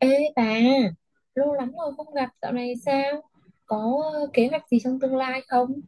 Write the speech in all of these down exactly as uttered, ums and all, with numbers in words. Ê bà, lâu lắm rồi không gặp, dạo này sao? Có ờ, kế hoạch gì trong tương lai không?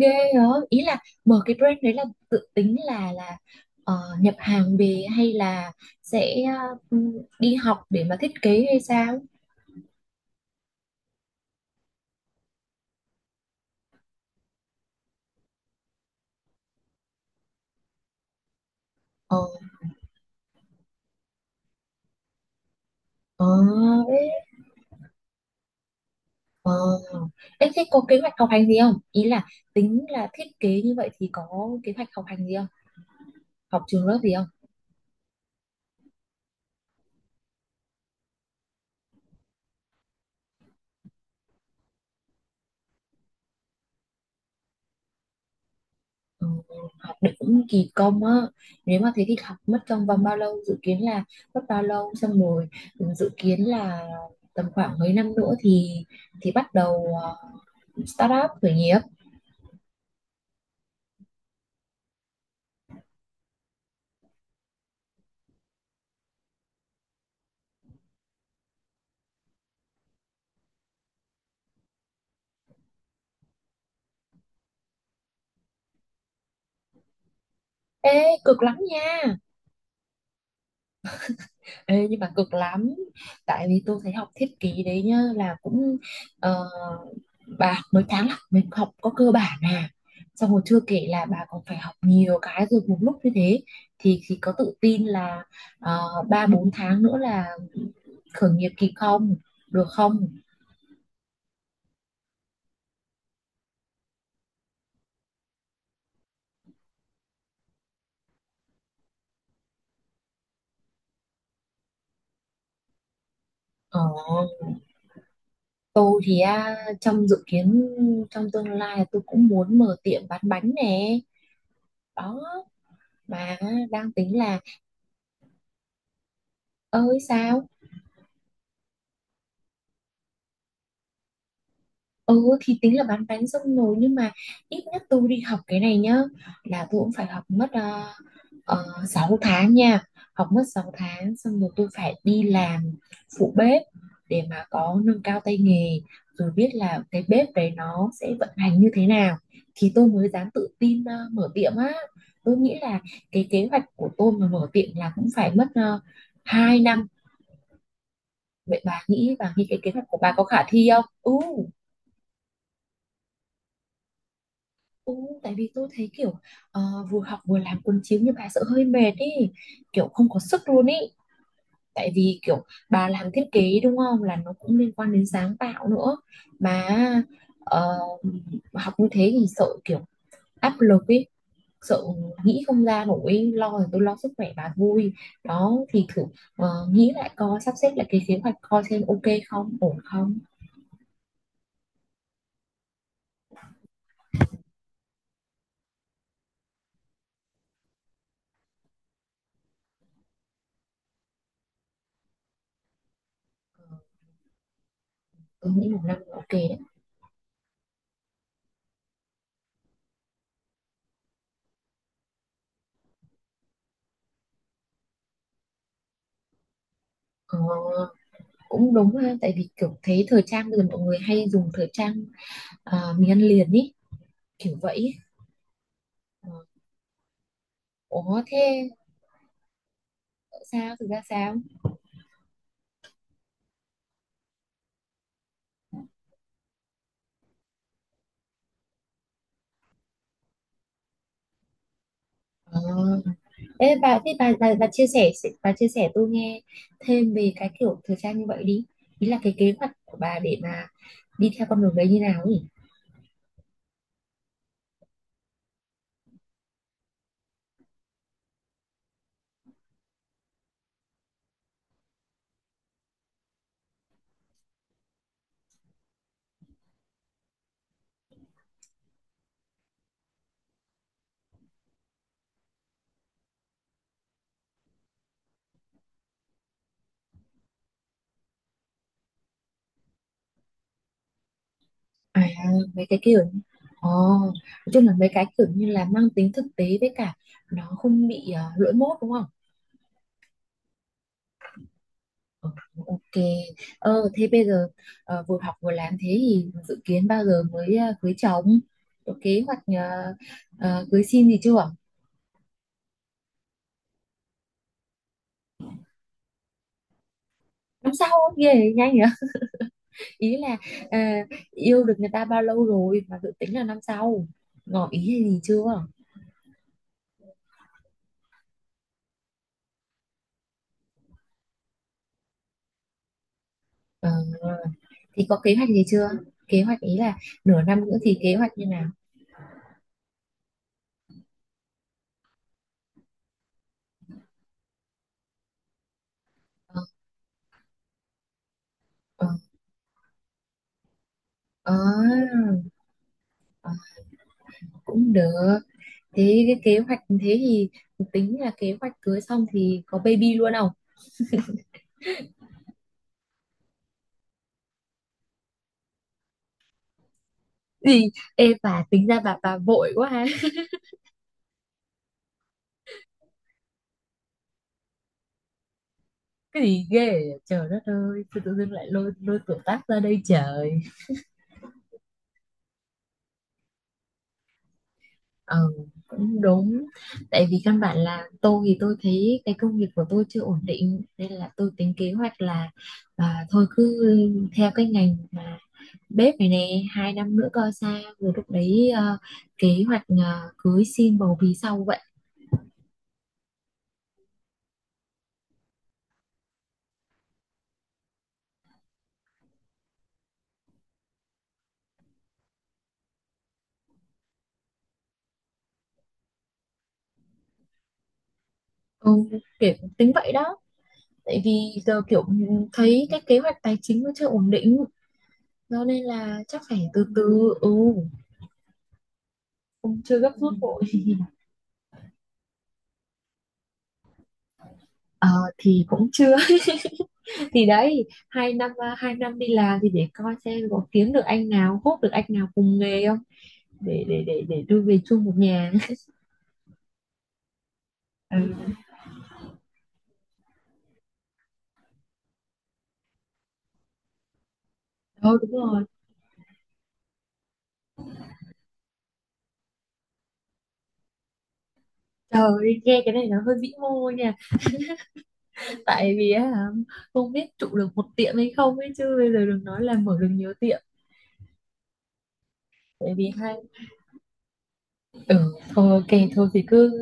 Ghê hả? Ý là mở cái brand đấy là tự tính là là ờ, nhập hàng về hay là sẽ ờ, đi học để mà thiết kế hay sao? Ờ, ờ, ê, ờ. Ê, thế có kế hoạch học hành gì không? Ý là tính là thiết kế như vậy thì có kế hoạch học hành gì không? Học trường lớp gì không? Ờ, đỉnh kỳ công á, nếu mà thế thì học mất trong vòng bao lâu, dự kiến là mất bao lâu xong rồi ừ, dự kiến là tầm khoảng mấy năm nữa thì thì bắt đầu ờ, start up khởi nghiệp. Ê cực lắm nha. Ê, nhưng mà cực lắm, tại vì tôi thấy học thiết kế đấy nhá là cũng ờ, bà mới tháng là mình học có cơ bản à, xong rồi chưa kể là bà còn phải học nhiều cái rồi một lúc như thế thì thì có tự tin là ờ, ba bốn tháng nữa là khởi nghiệp kịp không, được không? Ờ, tôi thì à, trong dự kiến, trong tương lai là tôi cũng muốn mở tiệm bán bánh nè, đó, mà đang tính là ơi sao. Ừ thì tính là bán bánh xong rồi, nhưng mà ít nhất tôi đi học cái này nhá, là tôi cũng phải học mất uh, sáu tháng nha, học mất sáu tháng xong rồi tôi phải đi làm phụ bếp để mà có nâng cao tay nghề, rồi biết là cái bếp đấy nó sẽ vận hành như thế nào thì tôi mới dám tự tin ờ, mở tiệm á. Tôi nghĩ là cái kế hoạch của tôi mà mở tiệm là cũng phải mất uh, hai năm. Vậy bà nghĩ bà nghĩ cái kế hoạch của bà có khả thi không? Ừ. Ừ, tại vì tôi thấy kiểu ờ, vừa học vừa làm cuốn chiếu như bà sợ hơi mệt ý, kiểu không có sức luôn ý, tại vì kiểu bà làm thiết kế đúng không, là nó cũng liên quan đến sáng tạo nữa mà ờ, học như thế thì sợ kiểu áp lực ý, sợ nghĩ không ra nổi ý. Lo thì tôi lo sức khỏe bà vui, đó thì thử ờ, nghĩ lại coi, sắp xếp lại cái kế hoạch coi xem ok không, ổn không. Tôi nghĩ một năm là ok đấy. Ờ, cũng đúng ha, tại vì kiểu thấy thời trang bây giờ mọi người hay dùng thời trang, à, miếng ăn liền ý, kiểu vậy ý. Ờ. Ủa thế sao, thực ra sao? Ờ. Ê, bà, thế bà, bà, bà chia sẻ, bà chia sẻ tôi nghe thêm về cái kiểu thời trang như vậy đi, ý là cái kế hoạch của bà để mà đi theo con đường đấy như nào ấy. À, mấy cái kiểu. Ồ, nói chung là mấy cái kiểu như là mang tính thực tế, với cả nó không bị ờ, lỗi mốt đúng không. Ờ, Ok. Ờ, thế bây giờ ờ, vừa học vừa làm thế thì dự kiến bao giờ mới ờ, cưới chồng? Có kế hoạch ờ, ờ, cưới xin gì chưa? Năm sau không? Ghê nhanh nhỉ? Ý là ờ, yêu được người ta bao lâu rồi mà dự tính là năm sau. Ngỏ ý hay gì chưa? Ờ, thì có kế hoạch gì chưa? Kế hoạch ý là nửa năm nữa thì kế hoạch như nào? Ờ, ờ, ờ, ờ, cũng được. Thế cái kế hoạch thế thì tính là kế hoạch cưới xong thì có baby luôn không? Gì, em bà tính ra bà bà vội quá ha. Cái gì ghê vậy? Trời đất ơi, tôi tự dưng lại lôi lôi tuổi tác ra đây trời. Ờ cũng đúng, tại vì căn bản là tôi thì tôi thấy cái công việc của tôi chưa ổn định, nên là tôi tính kế hoạch là à, thôi cứ theo cái ngành mà bếp này nè, hai năm nữa coi sao rồi lúc đấy ờ, kế hoạch ờ, cưới xin bầu bí sau vậy. Ừ, kiểu tính vậy đó, tại vì giờ kiểu thấy cái kế hoạch tài chính nó chưa ổn định. Đó nên là chắc phải từ từ, ừ, cũng chưa gấp rút vội. Ờ, thì cũng chưa. Thì đấy hai năm, hai năm đi làm thì để coi xem có kiếm được anh nào, hốt được anh nào cùng nghề không, để để để để đưa về chung một nhà. Ừ. Ờ đúng rồi. Trời ơi, nghe cái này nó hơi vĩ mô nha. Tại vì á, không biết trụ được một tiệm hay không ấy, chứ bây giờ đừng nói là mở được nhiều tiệm. Tại vì hai. Ừ thôi ok, thôi thì cứ.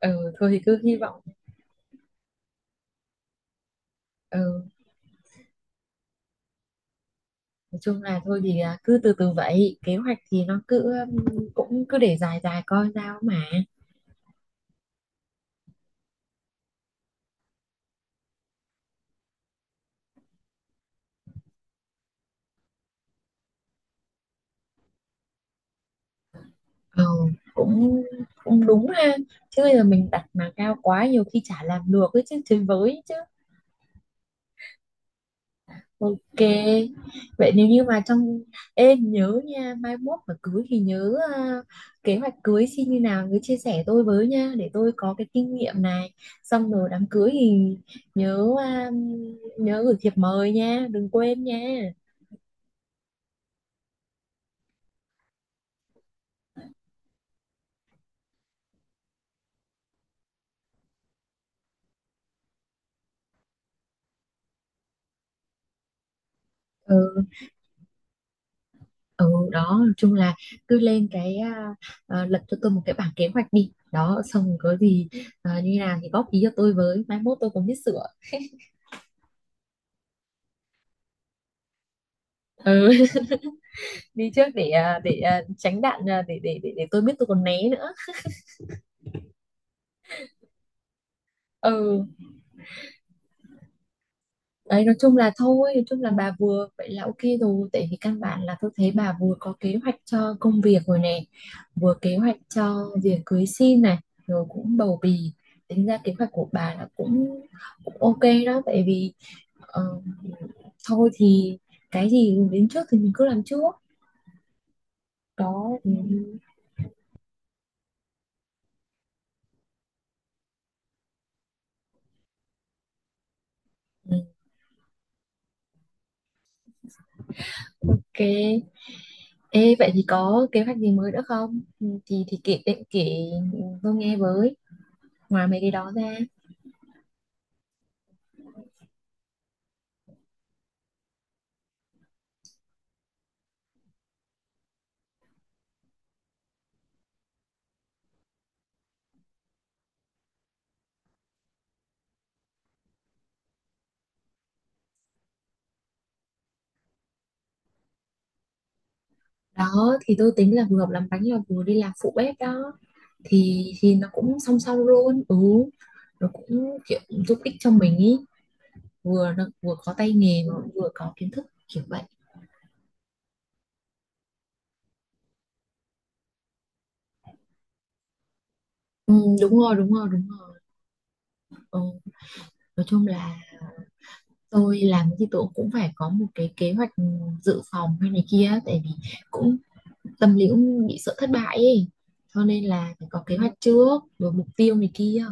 Ừ thôi thì cứ hy vọng. Ừ, nói chung là thôi thì à, cứ từ từ vậy, kế hoạch thì nó cứ um, cũng cứ để dài dài coi sao mà. Ừ, cũng cũng đúng ha, chứ bây giờ mình đặt mà cao quá nhiều khi chả làm được ấy, chứ chơi với chứ. Ok vậy, nếu như mà trong em nhớ nha, mai mốt mà cưới thì nhớ à, kế hoạch cưới xin như nào cứ chia sẻ tôi với nha, để tôi có cái kinh nghiệm này, xong rồi đám cưới thì nhớ à, nhớ gửi thiệp mời nha, đừng quên nha. Ừ, ừ, đó, nói chung là cứ lên cái à, à, lập cho tôi một cái bảng kế hoạch đi, đó xong rồi có gì à, như nào thì góp ý cho tôi với, mai mốt tôi còn biết sửa. Ừ. Đi trước để à, để à, tránh đạn à, để, để để để tôi biết tôi còn né nữa. Ừ, đấy nói chung là thôi, nói chung là bà vừa vậy là ok rồi, tại vì căn bản là tôi thấy bà vừa có kế hoạch cho công việc rồi này, vừa kế hoạch cho việc cưới xin này, rồi cũng bầu bì, tính ra kế hoạch của bà là cũng cũng ok đó, tại vì ờ, thôi thì cái gì đến trước thì mình cứ làm trước. Đó ừ, ừ, ok. Ê, vậy thì có kế hoạch gì mới nữa không? Ừ, thì thì kể định kể tôi nghe với, ngoài mấy cái đó ra. Đó thì tôi tính là vừa học làm bánh là vừa đi làm phụ bếp đó, thì thì nó cũng song song luôn ừ, nó cũng kiểu giúp ích cho mình ý, vừa nó vừa có tay nghề mà vừa có kiến thức kiểu vậy. Ừ, đúng rồi đúng rồi đúng rồi Ừ, nói chung là tôi làm thì tôi cũng phải có một cái kế hoạch dự phòng hay này kia, tại vì cũng tâm lý cũng bị sợ thất bại ấy, cho nên là phải có kế hoạch trước rồi mục tiêu này kia.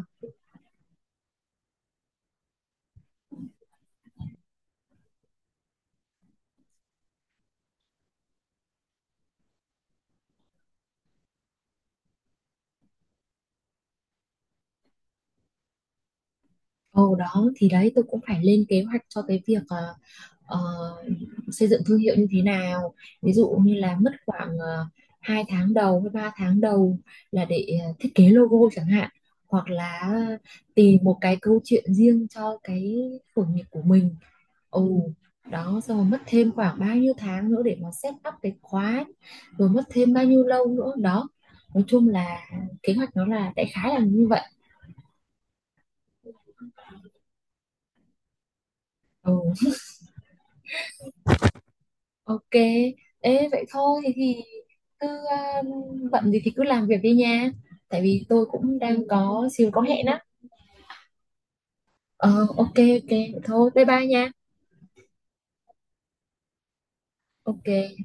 Ồ đó thì đấy tôi cũng phải lên kế hoạch cho cái việc ờ, ờ, xây dựng thương hiệu như thế nào, ví dụ như là mất khoảng uh, hai tháng đầu hay ba tháng đầu là để ờ, thiết kế logo chẳng hạn, hoặc là tìm một cái câu chuyện riêng cho cái khởi nghiệp của mình. Ồ, đó xong rồi mất thêm khoảng bao nhiêu tháng nữa để mà set up cái khóa, rồi mất thêm bao nhiêu lâu nữa đó, nói chung là kế hoạch nó là đại khái là như vậy. Ừ. Ok. Ê vậy thôi thì, thì cứ um, bận gì thì cứ làm việc đi nha, tại vì tôi cũng đang có xíu có hẹn á. Ờ ok ok vậy thôi bye bye nha. Ok.